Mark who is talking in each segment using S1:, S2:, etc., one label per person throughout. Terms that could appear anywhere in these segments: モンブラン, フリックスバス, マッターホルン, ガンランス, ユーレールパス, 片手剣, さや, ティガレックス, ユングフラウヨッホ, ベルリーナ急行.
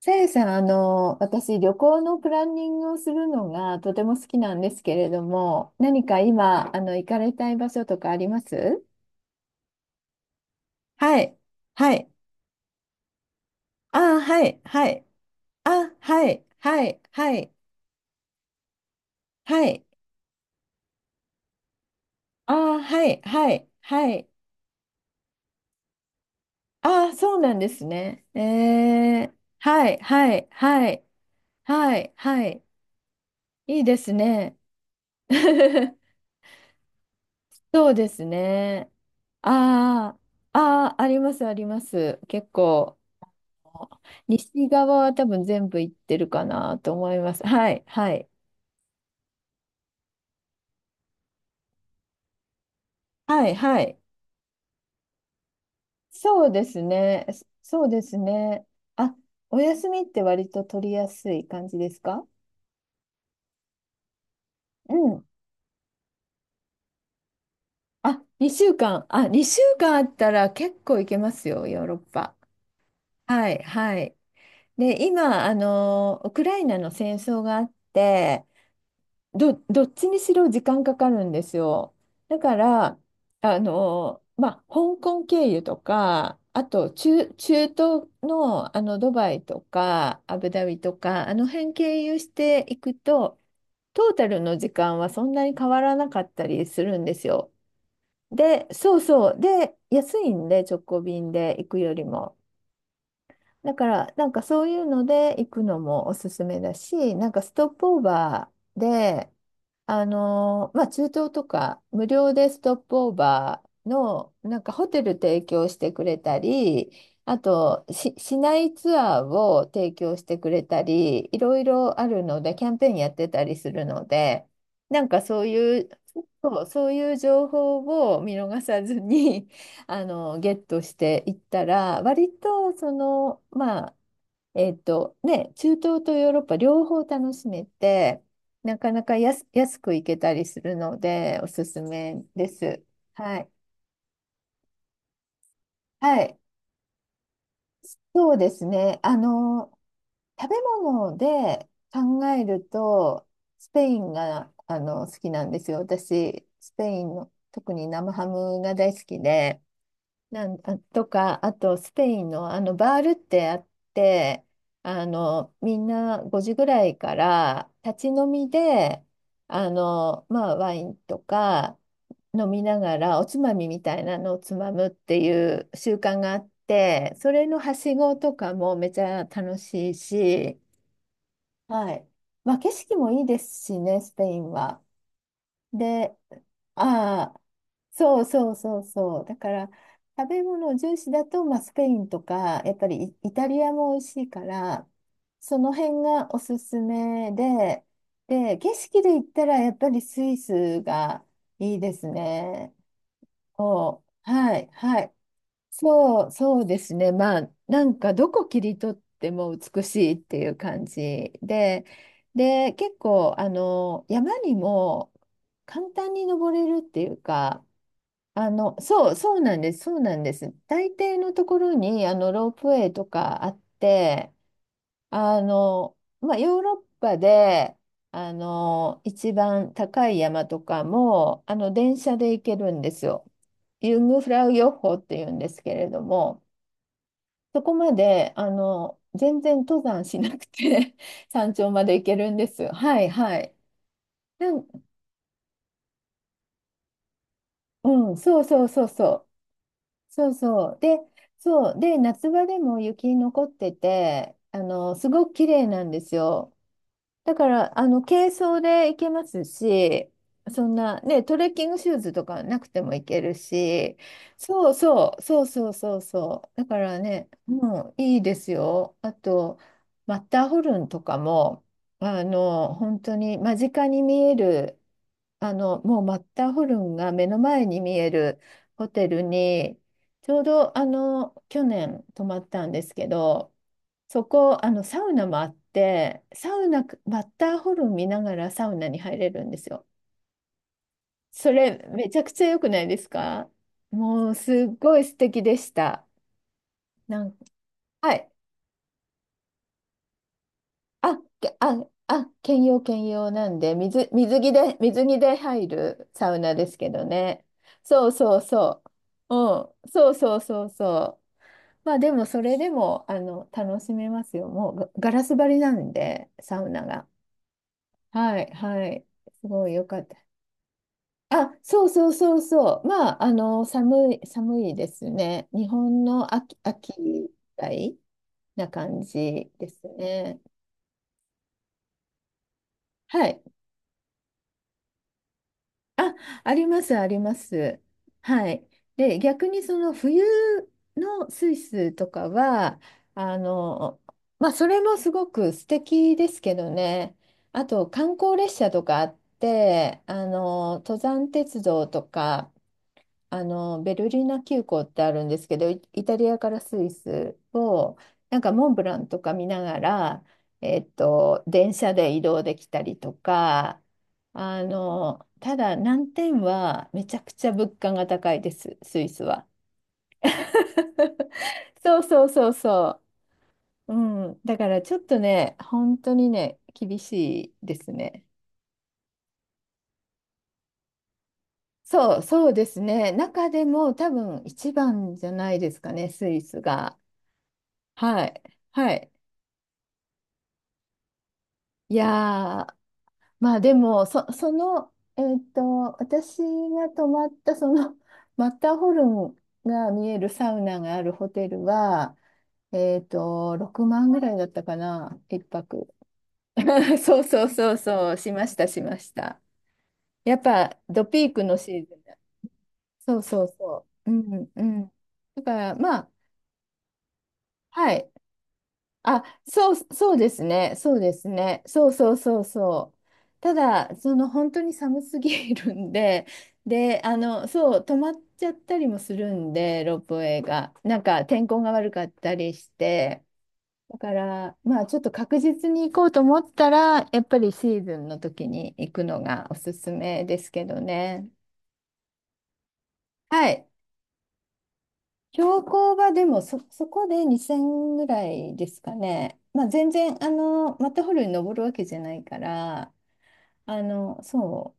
S1: さやさん、私、旅行のプランニングをするのがとても好きなんですけれども、何か今、行かれたい場所とかあります？はい。はい。あーはい。はい。あ、はい。はい。はい。はい。あーはい。はい。はい。あーそうなんですね。えーはい。はい。はい。はい。はい。いいですね。そうですね。ああ、ああ、あります、あります。結構。西側は多分全部行ってるかなと思います。はい、はい、はい、はい。そうですね。そうですね。あ、お休みって割と取りやすい感じですか？うん。あ、2週間。あ、2週間あったら結構行けますよ、ヨーロッパ。はい、はい。で、今、ウクライナの戦争があって、どっちにしろ時間かかるんですよ。だから、香港経由とか、あと中東の、ドバイとかアブダビとか、あの辺経由していくと、トータルの時間はそんなに変わらなかったりするんですよ。で、そうそう。で、安いんで、直行便で行くよりも。だから、なんかそういうので行くのもおすすめだし、なんかストップオーバーで、中東とか無料でストップオーバーの、なんかホテル提供してくれたり、あと、市内ツアーを提供してくれたり、いろいろあるので、キャンペーンやってたりするので、なんかそういう、そう、そういう情報を見逃さずにゲットしていったら、割とそのまあ、中東とヨーロッパ両方楽しめて、なかなか安く行けたりするので、おすすめです。はい、はい、そうですね。食べ物で考えると、スペインが好きなんですよ、私。スペインの特に生ハムが大好きで。なんあとか、あとスペインのバールってあって、みんな5時ぐらいから立ち飲みで、ワインとか飲みながらおつまみみたいなのをつまむっていう習慣があって、それのはしごとかもめちゃ楽しいし、はい。まあ、景色もいいですしね、スペインは。で、ああ、そうそうそうそう。だから、食べ物重視だと、まあ、スペインとか、やっぱりイタリアも美味しいから、その辺がおすすめで、で、景色で言ったら、やっぱりスイスがいいですね。こう、はい、はい。そう、そうですね。まあ、なんかどこ切り取っても美しいっていう感じで、で、結構、山にも簡単に登れるっていうか、そう、そうなんです、そうなんです。大抵のところに、ロープウェイとかあって、ヨーロッパで、一番高い山とかも、電車で行けるんですよ。ユングフラウヨッホっていうんですけれども、そこまで、全然登山しなくて 山頂まで行けるんです。はいはい。なん、うん、そうそうそうそう。そうそう。で、そう。で、夏場でも雪残ってて、すごく綺麗なんですよ。だから、軽装で行けますし、そんな、ね、トレッキングシューズとかなくても行けるし、そうそう、そうそうそうそう。だからね、もういいですよ。あと、マッターホルンとかも、本当に間近に見える、もうマッターホルンが目の前に見えるホテルに、ちょうど、去年泊まったんですけど、そこ、サウナもあって、サウナ、マッターホルン見ながらサウナに入れるんですよ。それ、めちゃくちゃ良くないですか？もう、すっごい素敵でした。なんか、はい。あ、けあ、あ、兼用兼用なんで、水着で、水着で入るサウナですけどね。そうそうそう。うん、そうそうそうそう。まあでも、それでも楽しめますよ。もうガラス張りなんで、サウナが。はい、はい。すごいよかった。あ、そうそうそうそう。まあ、寒い、寒いですね。日本の秋、秋みたいな感じですね。はい。あ、あります、あります。はい。で、逆にその冬のスイスとかは、あの、それもすごく素敵ですけどね。あと、観光列車とかあって、登山鉄道とか、ベルリーナ急行ってあるんですけど、イタリアからスイスを、なんかモンブランとか見ながら、電車で移動できたりとか、ただ難点はめちゃくちゃ物価が高いです、スイスは。そうそうそうそう。うん。だからちょっとね、本当にね、厳しいですね。そう、そうですね。中でも多分一番じゃないですかね、スイスが。はい。はい。いやー、まあでも、その、私が泊まったそのマッター ホルンが見えるサウナがあるホテルは、6万ぐらいだったかな、一泊。そうそうそうそう、しました、しました。やっぱ、ドピークのシーズンだ。そうそうそう。うんうん。だから、まあ、はい。あ、そう、そうですね。そうですね。そうそうそうそう。ただ、その本当に寒すぎるんで、で、そう、止まっちゃったりもするんで、ロープウェイが。なんか天候が悪かったりして。だから、まあ、ちょっと確実に行こうと思ったら、やっぱりシーズンの時に行くのがおすすめですけどね。はい。標高はでもそこで2000ぐらいですかね。まあ、全然、マッターホルンに登るわけじゃないから、そ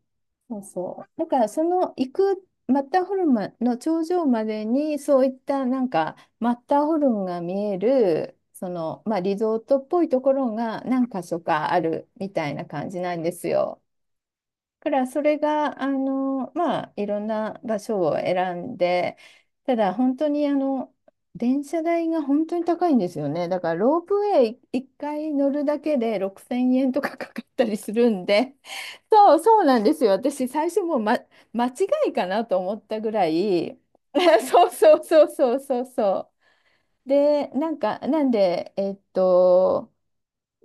S1: う、そうそう。だから、その行くマッターホルンの頂上までに、そういったなんか、マッターホルンが見える、その、まあ、リゾートっぽいところが何か所かあるみたいな感じなんですよ。だからそれがまあ、いろんな場所を選んで、ただ本当に電車代が本当に高いんですよね。だからロープウェイ1回乗るだけで6000円とかかかったりするんで、 そうそうなんですよ。私最初もう、間違いかなと思ったぐらい。 そうそうそうそうそうそうで、なんか、なんで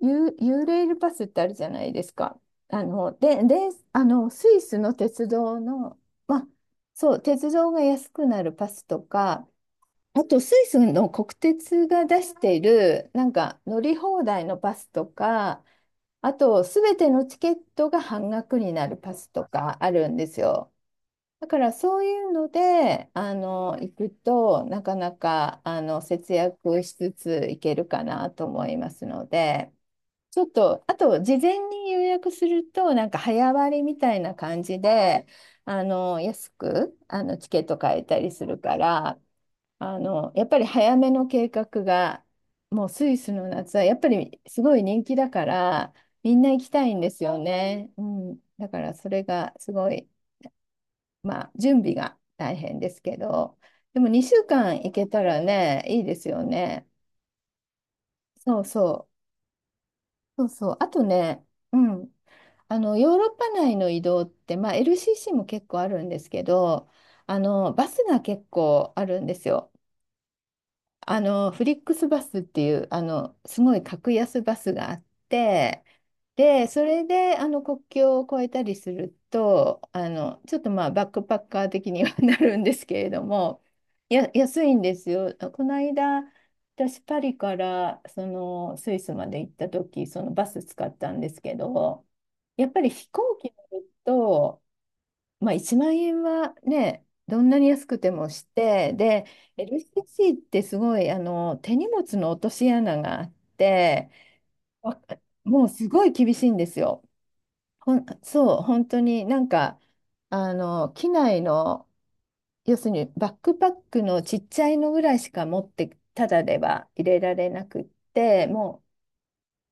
S1: ユーレールパスってあるじゃないですか。あの、で、で、スイスの鉄道の、まあ、そう、鉄道が安くなるパスとか、あとスイスの国鉄が出している、なんか乗り放題のパスとか、あと、すべてのチケットが半額になるパスとかあるんですよ。だからそういうので、行くと、なかなか、節約しつつ行けるかなと思いますので。ちょっと、あと、事前に予約すると、なんか早割りみたいな感じで、安く、チケット買えたりするから、やっぱり早めの計画が、もうスイスの夏は、やっぱりすごい人気だから、みんな行きたいんですよね。うん。だから、それがすごい、まあ、準備が大変ですけど、でも2週間行けたらね、いいですよね。そうそう。そうそう。あとね、うん。ヨーロッパ内の移動って、まあ、LCC も結構あるんですけど、バスが結構あるんですよ。フリックスバスっていう、すごい格安バスがあって、で、それで、国境を越えたりすると、ちょっとまあ、バックパッカー的には なるんですけれども、や、安いんですよ。この間、私、パリから、その、スイスまで行った時、そのバス使ったんですけど、やっぱり飛行機乗ると、まあ、1万円はね、どんなに安くてもして、で、LCC ってすごい手荷物の落とし穴があって、わもうすごい厳しいんですよ。そう、本当になんか、機内の、要するにバックパックのちっちゃいのぐらいしか持って、ただでは入れられなくって、も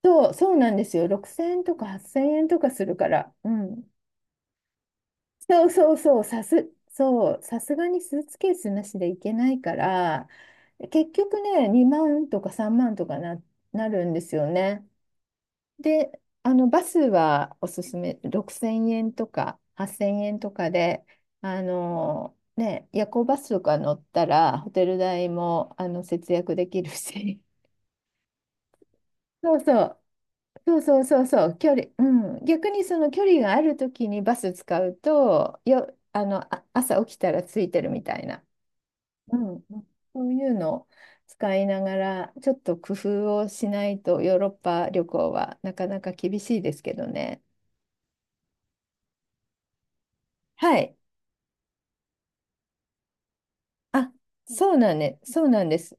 S1: う、そう、そうなんですよ。6000円とか8000円とかするから。うん、そうそうそう、さすがにスーツケースなしでいけないから、結局ね、2万とか3万とかな、なるんですよね。で、バスはおすすめ、6000円とか8000円とかで、ね、夜行バスとか乗ったら、ホテル代も、節約できるし、そうそう、そうそうそうそう、距離、うん、逆にその距離があるときにバス使うと、よ、あの、あ、朝起きたらついてるみたいな、うん、そういうのを使いながら、ちょっと工夫をしないとヨーロッパ旅行はなかなか厳しいですけどね。はい。あ、そうなんね、そうなんです。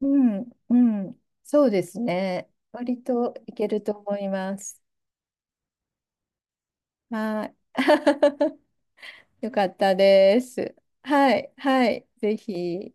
S1: うん、うん、そうですね。割といけると思います。はい。よかったです。はい、はい、ぜひ。